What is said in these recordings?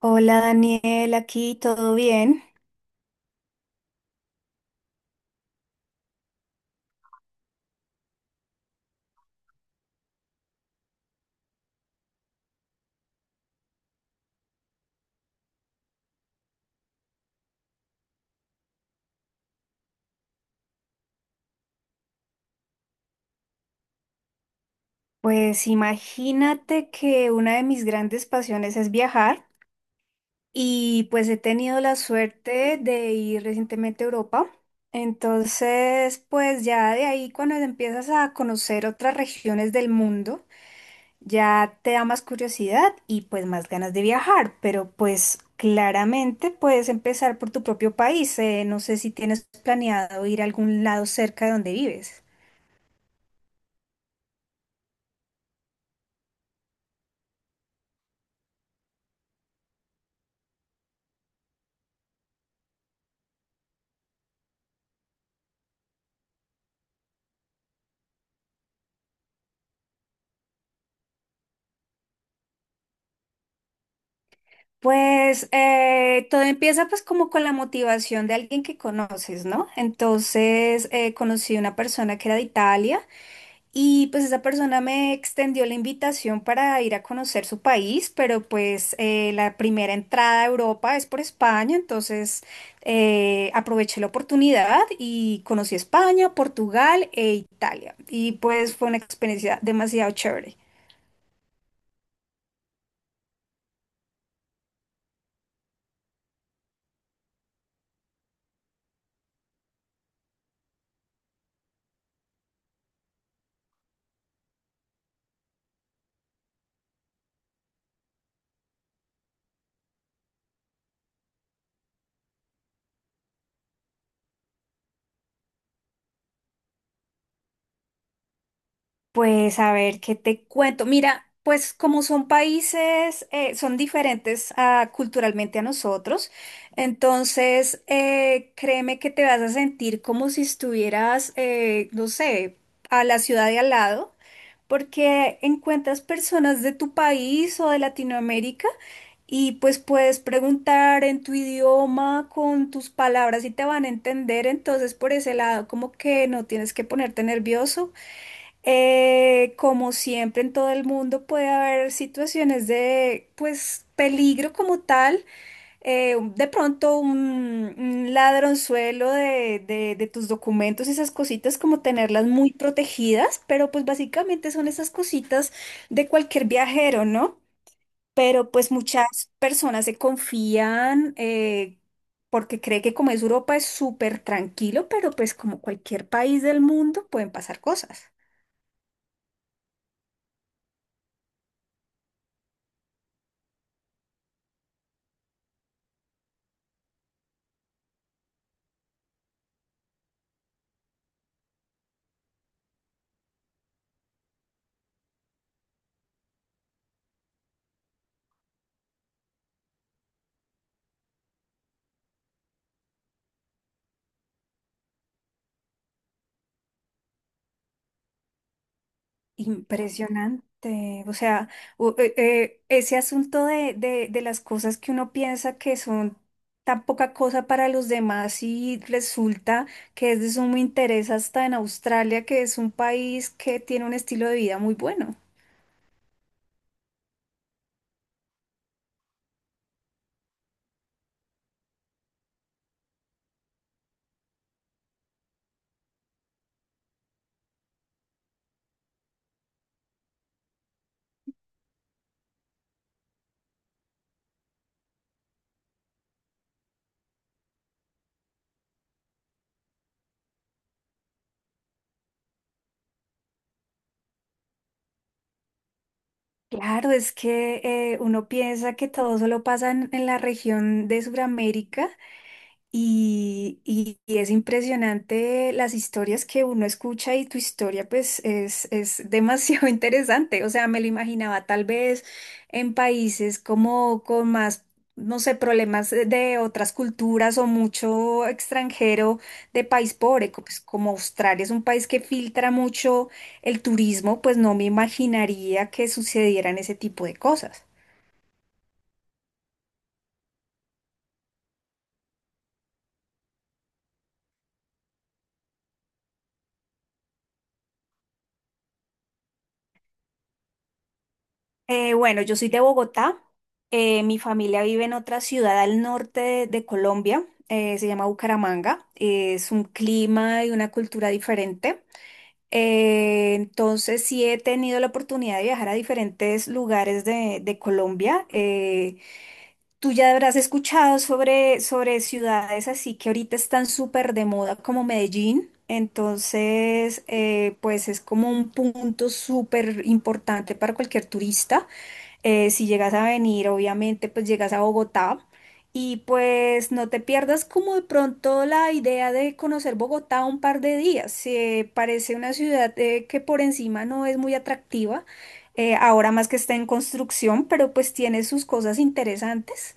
Hola Daniel, aquí todo bien. Pues imagínate que una de mis grandes pasiones es viajar y pues he tenido la suerte de ir recientemente a Europa. Entonces, pues ya de ahí cuando empiezas a conocer otras regiones del mundo, ya te da más curiosidad y pues más ganas de viajar, pero pues claramente puedes empezar por tu propio país. No sé si tienes planeado ir a algún lado cerca de donde vives. Pues todo empieza pues como con la motivación de alguien que conoces, ¿no? Entonces conocí una persona que era de Italia y pues esa persona me extendió la invitación para ir a conocer su país, pero pues la primera entrada a Europa es por España, entonces aproveché la oportunidad y conocí España, Portugal e Italia y pues fue una experiencia demasiado chévere. Pues a ver, ¿qué te cuento? Mira, pues como son países, son diferentes culturalmente a nosotros, entonces créeme que te vas a sentir como si estuvieras, no sé, a la ciudad de al lado, porque encuentras personas de tu país o de Latinoamérica y pues puedes preguntar en tu idioma con tus palabras y te van a entender, entonces por ese lado como que no tienes que ponerte nervioso. Como siempre en todo el mundo puede haber situaciones de pues peligro como tal. De pronto un ladronzuelo de tus documentos, esas cositas como tenerlas muy protegidas, pero pues básicamente son esas cositas de cualquier viajero, ¿no? Pero pues muchas personas se confían porque cree que como es Europa es súper tranquilo, pero pues como cualquier país del mundo pueden pasar cosas. Impresionante. O sea, ese asunto de las cosas que uno piensa que son tan poca cosa para los demás y resulta que es de sumo interés hasta en Australia, que es un país que tiene un estilo de vida muy bueno. Claro, es que uno piensa que todo solo pasa en la región de Sudamérica. Y es impresionante las historias que uno escucha y tu historia pues es demasiado interesante. O sea, me lo imaginaba tal vez en países como con más, no sé, problemas de otras culturas o mucho extranjero de país pobre, pues, como Australia es un país que filtra mucho el turismo, pues no me imaginaría que sucedieran ese tipo de cosas. Bueno, yo soy de Bogotá. Mi familia vive en otra ciudad al norte de Colombia. Se llama Bucaramanga. Es un clima y una cultura diferente. Entonces sí he tenido la oportunidad de viajar a diferentes lugares de Colombia. Tú ya habrás escuchado sobre ciudades así que ahorita están súper de moda como Medellín. Entonces, pues es como un punto súper importante para cualquier turista. Si llegas a venir, obviamente, pues llegas a Bogotá y pues no te pierdas como de pronto la idea de conocer Bogotá un par de días. Parece una ciudad que por encima no es muy atractiva, ahora más que está en construcción, pero pues tiene sus cosas interesantes.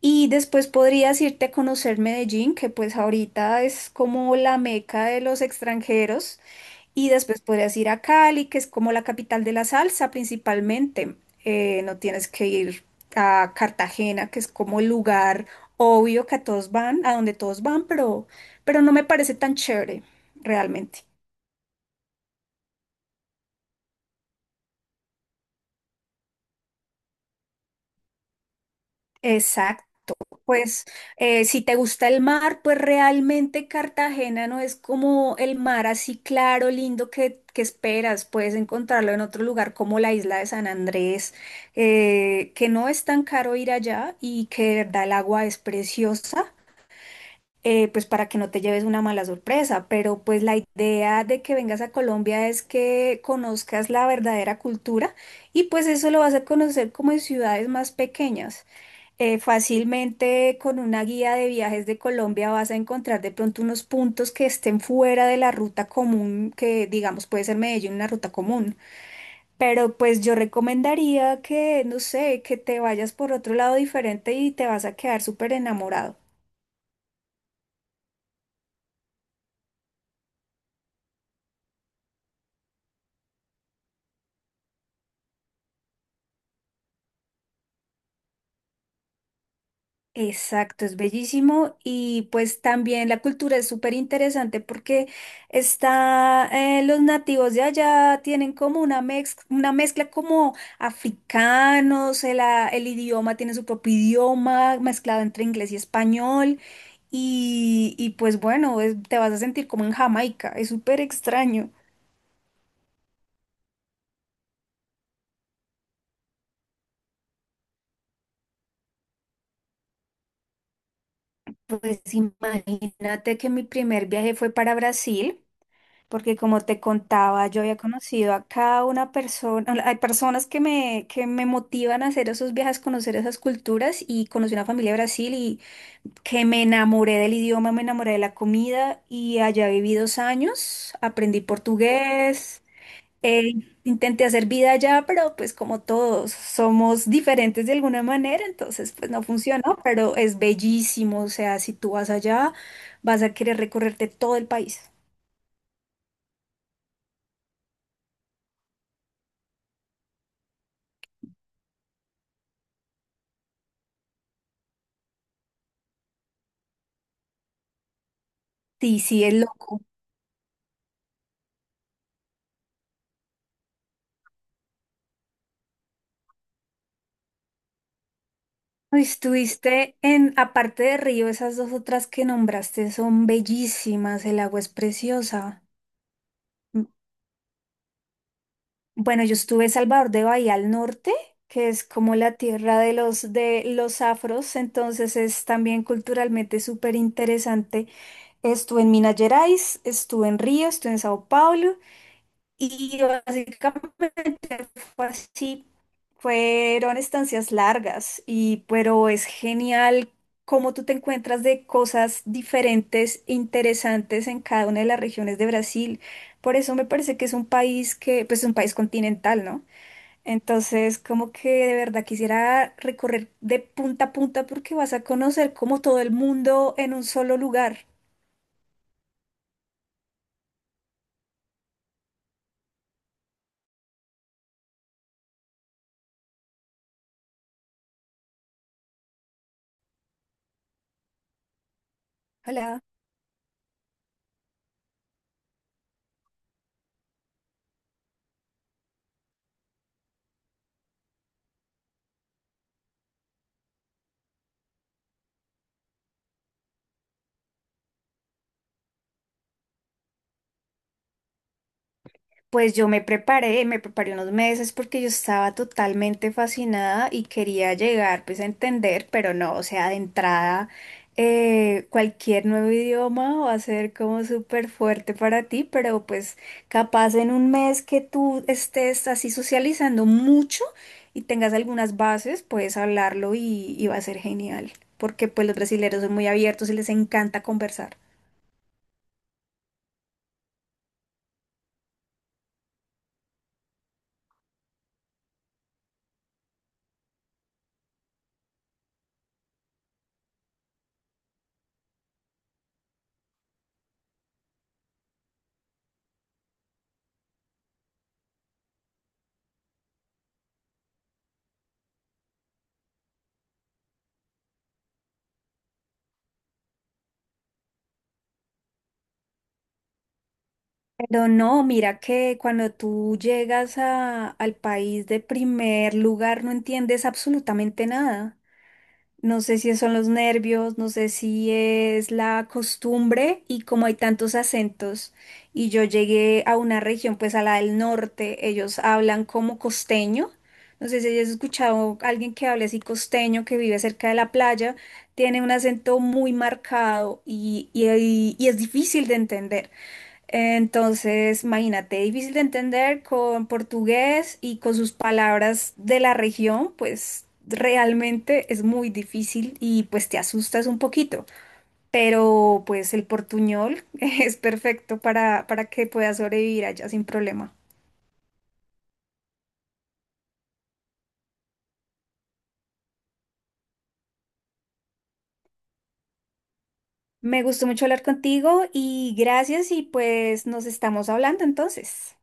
Y después podrías irte a conocer Medellín, que pues ahorita es como la meca de los extranjeros. Y después podrías ir a Cali, que es como la capital de la salsa principalmente. No tienes que ir a Cartagena, que es como el lugar obvio que a todos van, a donde todos van, pero no me parece tan chévere realmente. Pues si te gusta el mar, pues realmente Cartagena no es como el mar así claro, lindo que esperas. Puedes encontrarlo en otro lugar como la isla de San Andrés, que no es tan caro ir allá y que de verdad el agua es preciosa. Pues para que no te lleves una mala sorpresa, pero pues la idea de que vengas a Colombia es que conozcas la verdadera cultura y pues eso lo vas a conocer como en ciudades más pequeñas. Fácilmente con una guía de viajes de Colombia vas a encontrar de pronto unos puntos que estén fuera de la ruta común, que digamos puede ser Medellín una ruta común. Pero pues yo recomendaría que, no sé, que te vayas por otro lado diferente y te vas a quedar súper enamorado. Exacto, es bellísimo y pues también la cultura es súper interesante porque está, los nativos de allá tienen como una mezcla como africanos, el idioma tiene su propio idioma mezclado entre inglés y español y pues bueno, te vas a sentir como en Jamaica, es súper extraño. Pues imagínate que mi primer viaje fue para Brasil, porque como te contaba, yo había conocido a cada una persona, hay personas que me motivan a hacer esos viajes, conocer esas culturas y conocí una familia de Brasil y que me enamoré del idioma, me enamoré de la comida y allá viví 2 años, aprendí portugués, eh, intenté hacer vida allá, pero pues como todos somos diferentes de alguna manera, entonces pues no funcionó, pero es bellísimo, o sea, si tú vas allá, vas a querer recorrerte todo el país. Sí, sí, es loco. Estuviste en, aparte de Río, esas dos otras que nombraste son bellísimas, el agua es preciosa. M- Bueno, yo estuve en Salvador de Bahía al norte, que es como la tierra de los afros, entonces es también culturalmente súper interesante. Estuve en Minas Gerais, estuve en Río, estuve en Sao Paulo. Y básicamente fue así, fueron estancias largas y pero es genial cómo tú te encuentras de cosas diferentes, interesantes en cada una de las regiones de Brasil. Por eso me parece que es un país que, pues es un país continental, ¿no? Entonces, como que de verdad quisiera recorrer de punta a punta porque vas a conocer como todo el mundo en un solo lugar. Ojalá. Pues yo me preparé unos meses porque yo estaba totalmente fascinada y quería llegar pues a entender, pero no, o sea, de entrada cualquier nuevo idioma va a ser como súper fuerte para ti, pero pues capaz en un mes que tú estés así socializando mucho y tengas algunas bases, puedes hablarlo y va a ser genial, porque pues los brasileños son muy abiertos y les encanta conversar. Pero no, mira que cuando tú llegas al país de primer lugar no entiendes absolutamente nada. No sé si son los nervios, no sé si es la costumbre y como hay tantos acentos y yo llegué a una región, pues a la del norte, ellos hablan como costeño. No sé si has escuchado a alguien que hable así costeño, que vive cerca de la playa, tiene un acento muy marcado y, y es difícil de entender. Entonces, imagínate, difícil de entender con portugués y con sus palabras de la región, pues realmente es muy difícil y pues te asustas un poquito. Pero pues el portuñol es perfecto para que puedas sobrevivir allá sin problema. Me gustó mucho hablar contigo y gracias y pues nos estamos hablando entonces.